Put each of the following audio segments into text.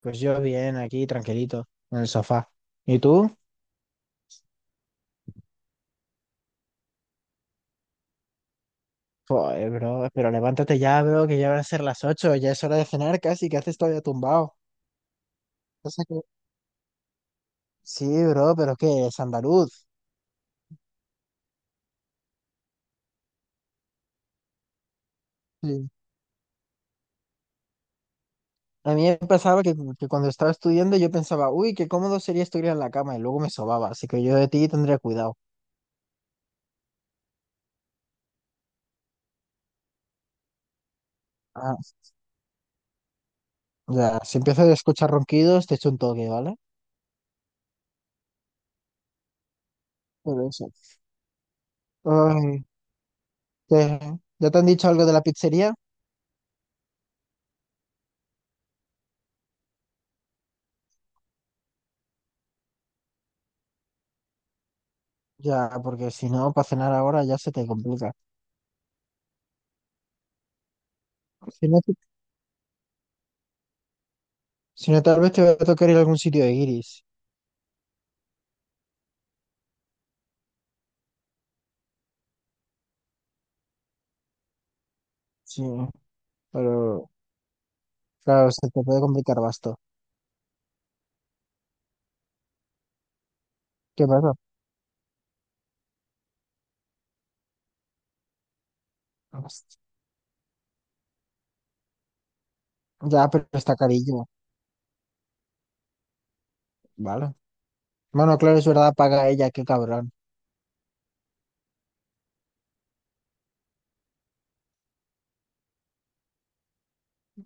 Pues yo bien, aquí tranquilito, en el sofá. ¿Y tú? Joder, bro, pero levántate ya, bro, que ya van a ser las 8, ya es hora de cenar casi, ¿que haces todavía tumbado? Pasa que- sí, bro, pero ¿qué? Es andaluz. Sí. A mí me pasaba que cuando estaba estudiando yo pensaba, uy, qué cómodo sería estudiar en la cama, y luego me sobaba, así que yo de ti tendría cuidado. Ah, ya, si empiezo a escuchar ronquidos, te echo un toque, ¿vale? Pero eso. Ay, ¿qué? ¿Ya te han dicho algo de la pizzería? Ya, porque si no, para cenar ahora ya se te complica. Si no, te- si no, tal vez te va a tocar ir a algún sitio de Iris. Sí, pero claro, se te puede complicar basto. ¿Qué pasa? Ya, pero está carillo, ¿vale? Bueno, claro, es verdad, paga ella, qué cabrón.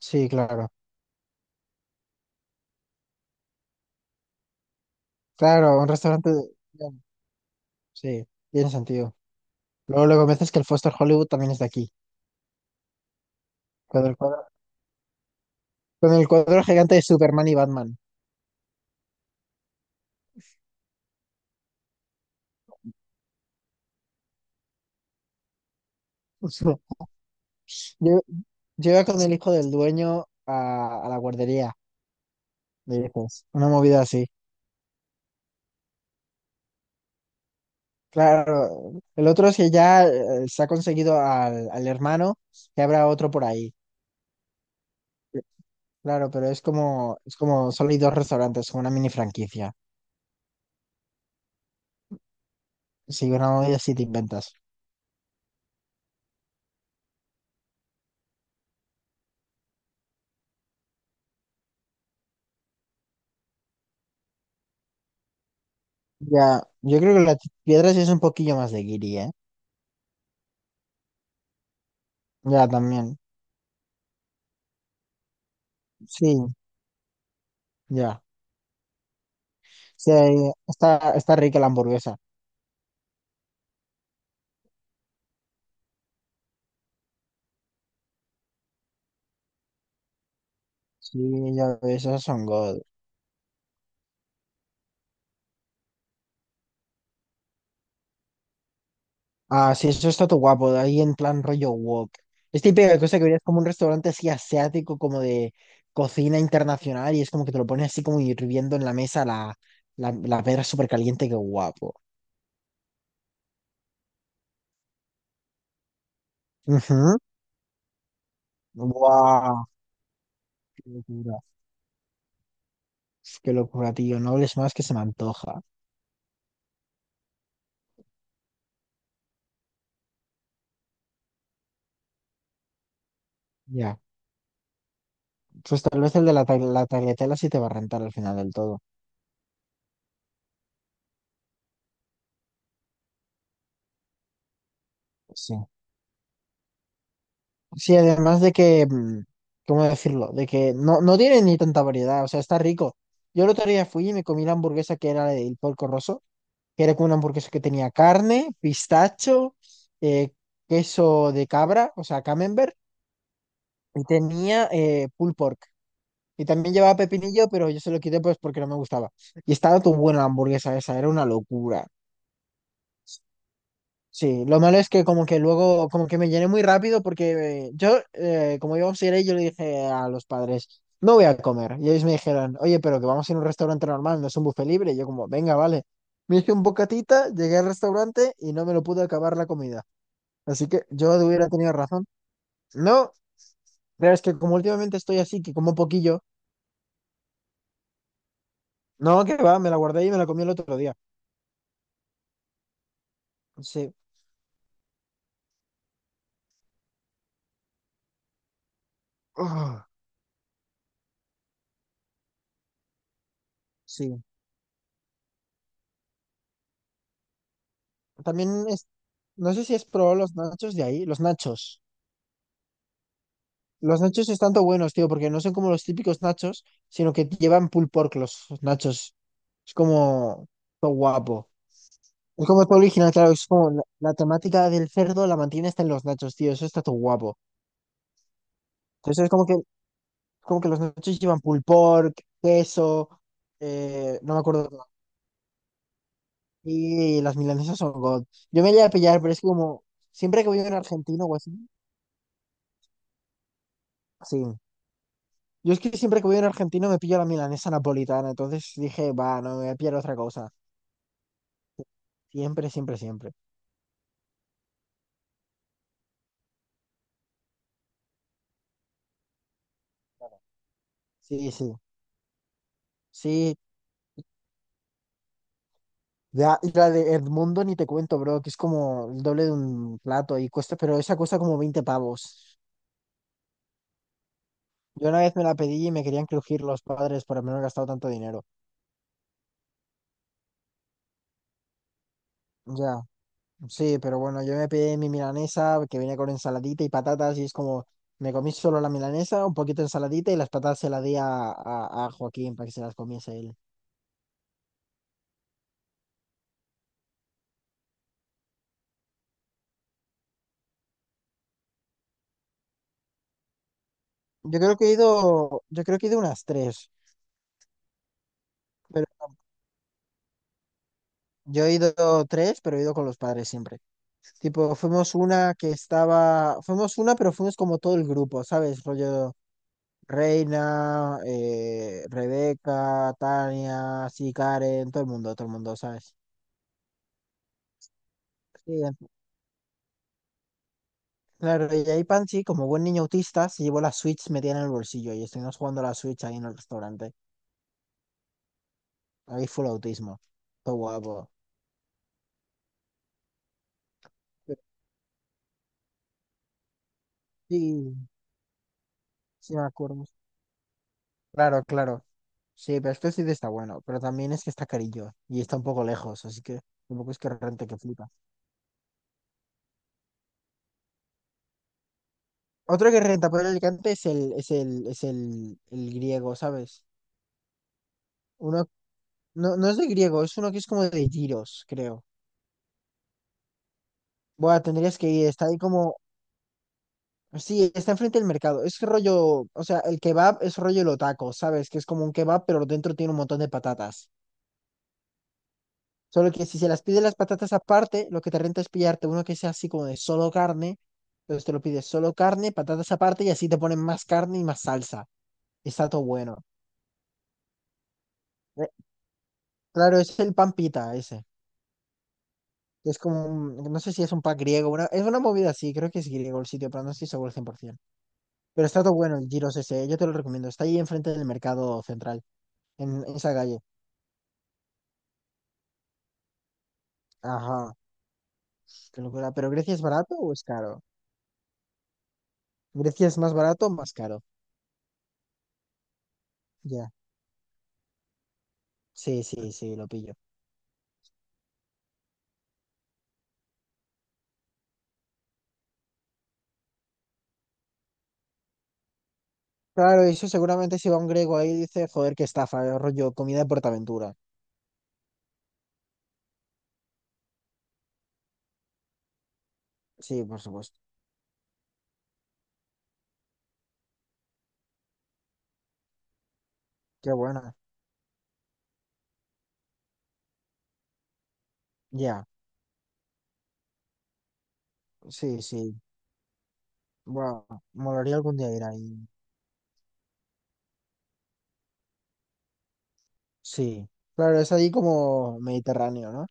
Sí, claro. Claro, un restaurante. Bueno, sí, tiene sentido. Luego, luego me dices que el Foster Hollywood también es de aquí. Con el cuadro, con el cuadro gigante de Superman y Batman. Yo, yo iba con el hijo del dueño a, la guardería, le dices. Una movida así. Claro, el otro si ya se ha conseguido al hermano, ya habrá otro por ahí. Claro, pero es como solo hay dos restaurantes, como una mini franquicia. Si una olla sí te inventas. Ya, yo creo que las piedras es un poquillo más de guiri, ¿eh? Ya, también. Sí, ya. Sí, está, está rica la hamburguesa. Sí, ya, esas son God. Ah, sí, eso está todo guapo, de ahí en plan rollo wok. Es típica cosa que verías como un restaurante así asiático, como de cocina internacional, y es como que te lo pones así como hirviendo en la mesa la pedra súper caliente, qué guapo. Ujú. Guau, qué locura. Qué locura, tío. No hables más que se me antoja. Ya. Pues tal vez el de la, ta- la tagliatella sí te va a rentar al final del todo. Sí. Sí, además de que, ¿cómo decirlo? De que no, no tiene ni tanta variedad, o sea, está rico. Yo el otro día fui y me comí la hamburguesa que era el Porco Rosso, que era como una hamburguesa que tenía carne, pistacho, eh, queso de cabra, o sea, camembert, y tenía pulled pork. Y también llevaba pepinillo, pero yo se lo quité pues porque no me gustaba. Y estaba tan buena la hamburguesa esa, era una locura. Sí, lo malo es que como que luego, como que me llené muy rápido porque como iba a ir yo le dije a los padres, no voy a comer. Y ellos me dijeron, oye, pero que vamos a ir a un restaurante normal, no es un buffet libre. Y yo como, venga, vale. Me hice un bocatita, llegué al restaurante y no me lo pude acabar la comida. Así que yo hubiera tenido razón. No, pero es que como últimamente estoy así, que como poquillo. No, que va, me la guardé y me la comí el otro día. Sí. Ugh, sí. También es, no sé si es probado los nachos de ahí, los nachos. Los nachos están tan buenos, tío, porque no son como los típicos nachos, sino que llevan pulled pork los nachos. Es como todo guapo. Es como todo original, claro. Es como la temática del cerdo la mantiene hasta en los nachos, tío. Eso está todo guapo. Entonces es como que los nachos llevan pulled pork, queso, no me acuerdo qué más. Y las milanesas son god. Yo me llegué a pillar, pero es que como siempre que voy a un argentino o así, sí. Yo es que siempre que voy a un argentino me pillo la milanesa napolitana. Entonces dije, va, no me voy a pillar otra cosa. Siempre, siempre, siempre. Sí, sí. Sí. Ya, la de Edmundo ni te cuento, bro, que es como el doble de un plato y cuesta, pero esa cuesta como 20 pavos. Yo una vez me la pedí y me querían crujir los padres por haberme gastado tanto dinero. Ya, sí, pero bueno, yo me pedí mi milanesa que viene con ensaladita y patatas y es como, me comí solo la milanesa, un poquito de ensaladita y las patatas se las di a a Joaquín para que se las comiese él. Yo creo que he ido unas tres, pero yo he ido tres, pero he ido con los padres siempre. Tipo, fuimos una, pero fuimos como todo el grupo, ¿sabes? Rollo Reina, Rebeca, Tania, sí, Karen, todo el mundo, ¿sabes? Sí, claro, y ahí Panchi, como buen niño autista, se llevó la Switch metida en el bolsillo y estuvimos jugando a la Switch ahí en el restaurante. Ahí fue el autismo. Todo guapo. Sí, sí me acuerdo. Claro, claro. Sí, pero es que el sitio está bueno, pero también es que está carillo y está un poco lejos, así que tampoco es que rente que flipa. Otro que renta por Alicante el griego, ¿sabes? Uno, no, no es de griego, es uno que es como de Tiro's creo. Bueno, tendrías que ir, está ahí como, sí, está enfrente del mercado. Es rollo, o sea, el kebab es rollo el otaco, ¿sabes? Que es como un kebab, pero dentro tiene un montón de patatas. Solo que si se las pide las patatas aparte, lo que te renta es pillarte uno que sea así como de solo carne. Entonces te lo pides solo carne, patatas aparte y así te ponen más carne y más salsa. Está todo bueno. Eh, claro, es el pan pita ese. Es como un- no sé si es un pan griego, una- es una movida así, creo que es griego el sitio, pero no estoy seguro al 100%. Pero está todo bueno el Giros ese, yo te lo recomiendo. Está ahí enfrente del mercado central, en esa calle. Ajá, qué locura. ¿Pero Grecia es barato o es caro? ¿Grecia es más barato o más caro? Ya, sí, sí, sí, lo pillo. Claro, y eso seguramente si va un griego ahí dice, joder, qué estafa, rollo, comida de PortAventura. Sí, por supuesto. Qué buena. Ya, sí, sí. Wow, molaría algún día ir ahí. Sí. Claro, es ahí como Mediterráneo, ¿no?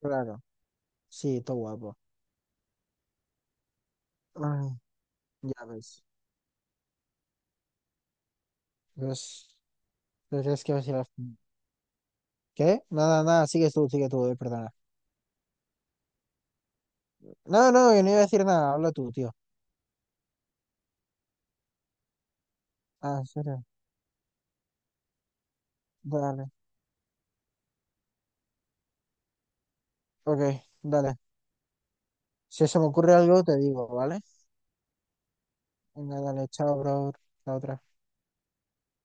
Claro, sí, todo guapo. Ay, ya ves. Pues, pues es que vas a ir a- ¿Qué? Nada, nada, sigues tú, sigue tú, perdona. No, no, yo no iba a decir nada, habla tú, tío. Ah, ¿en serio? Dale. Ok, dale. Si se me ocurre algo, te digo, ¿vale? Venga, dale, chao, bro. Chao, otra.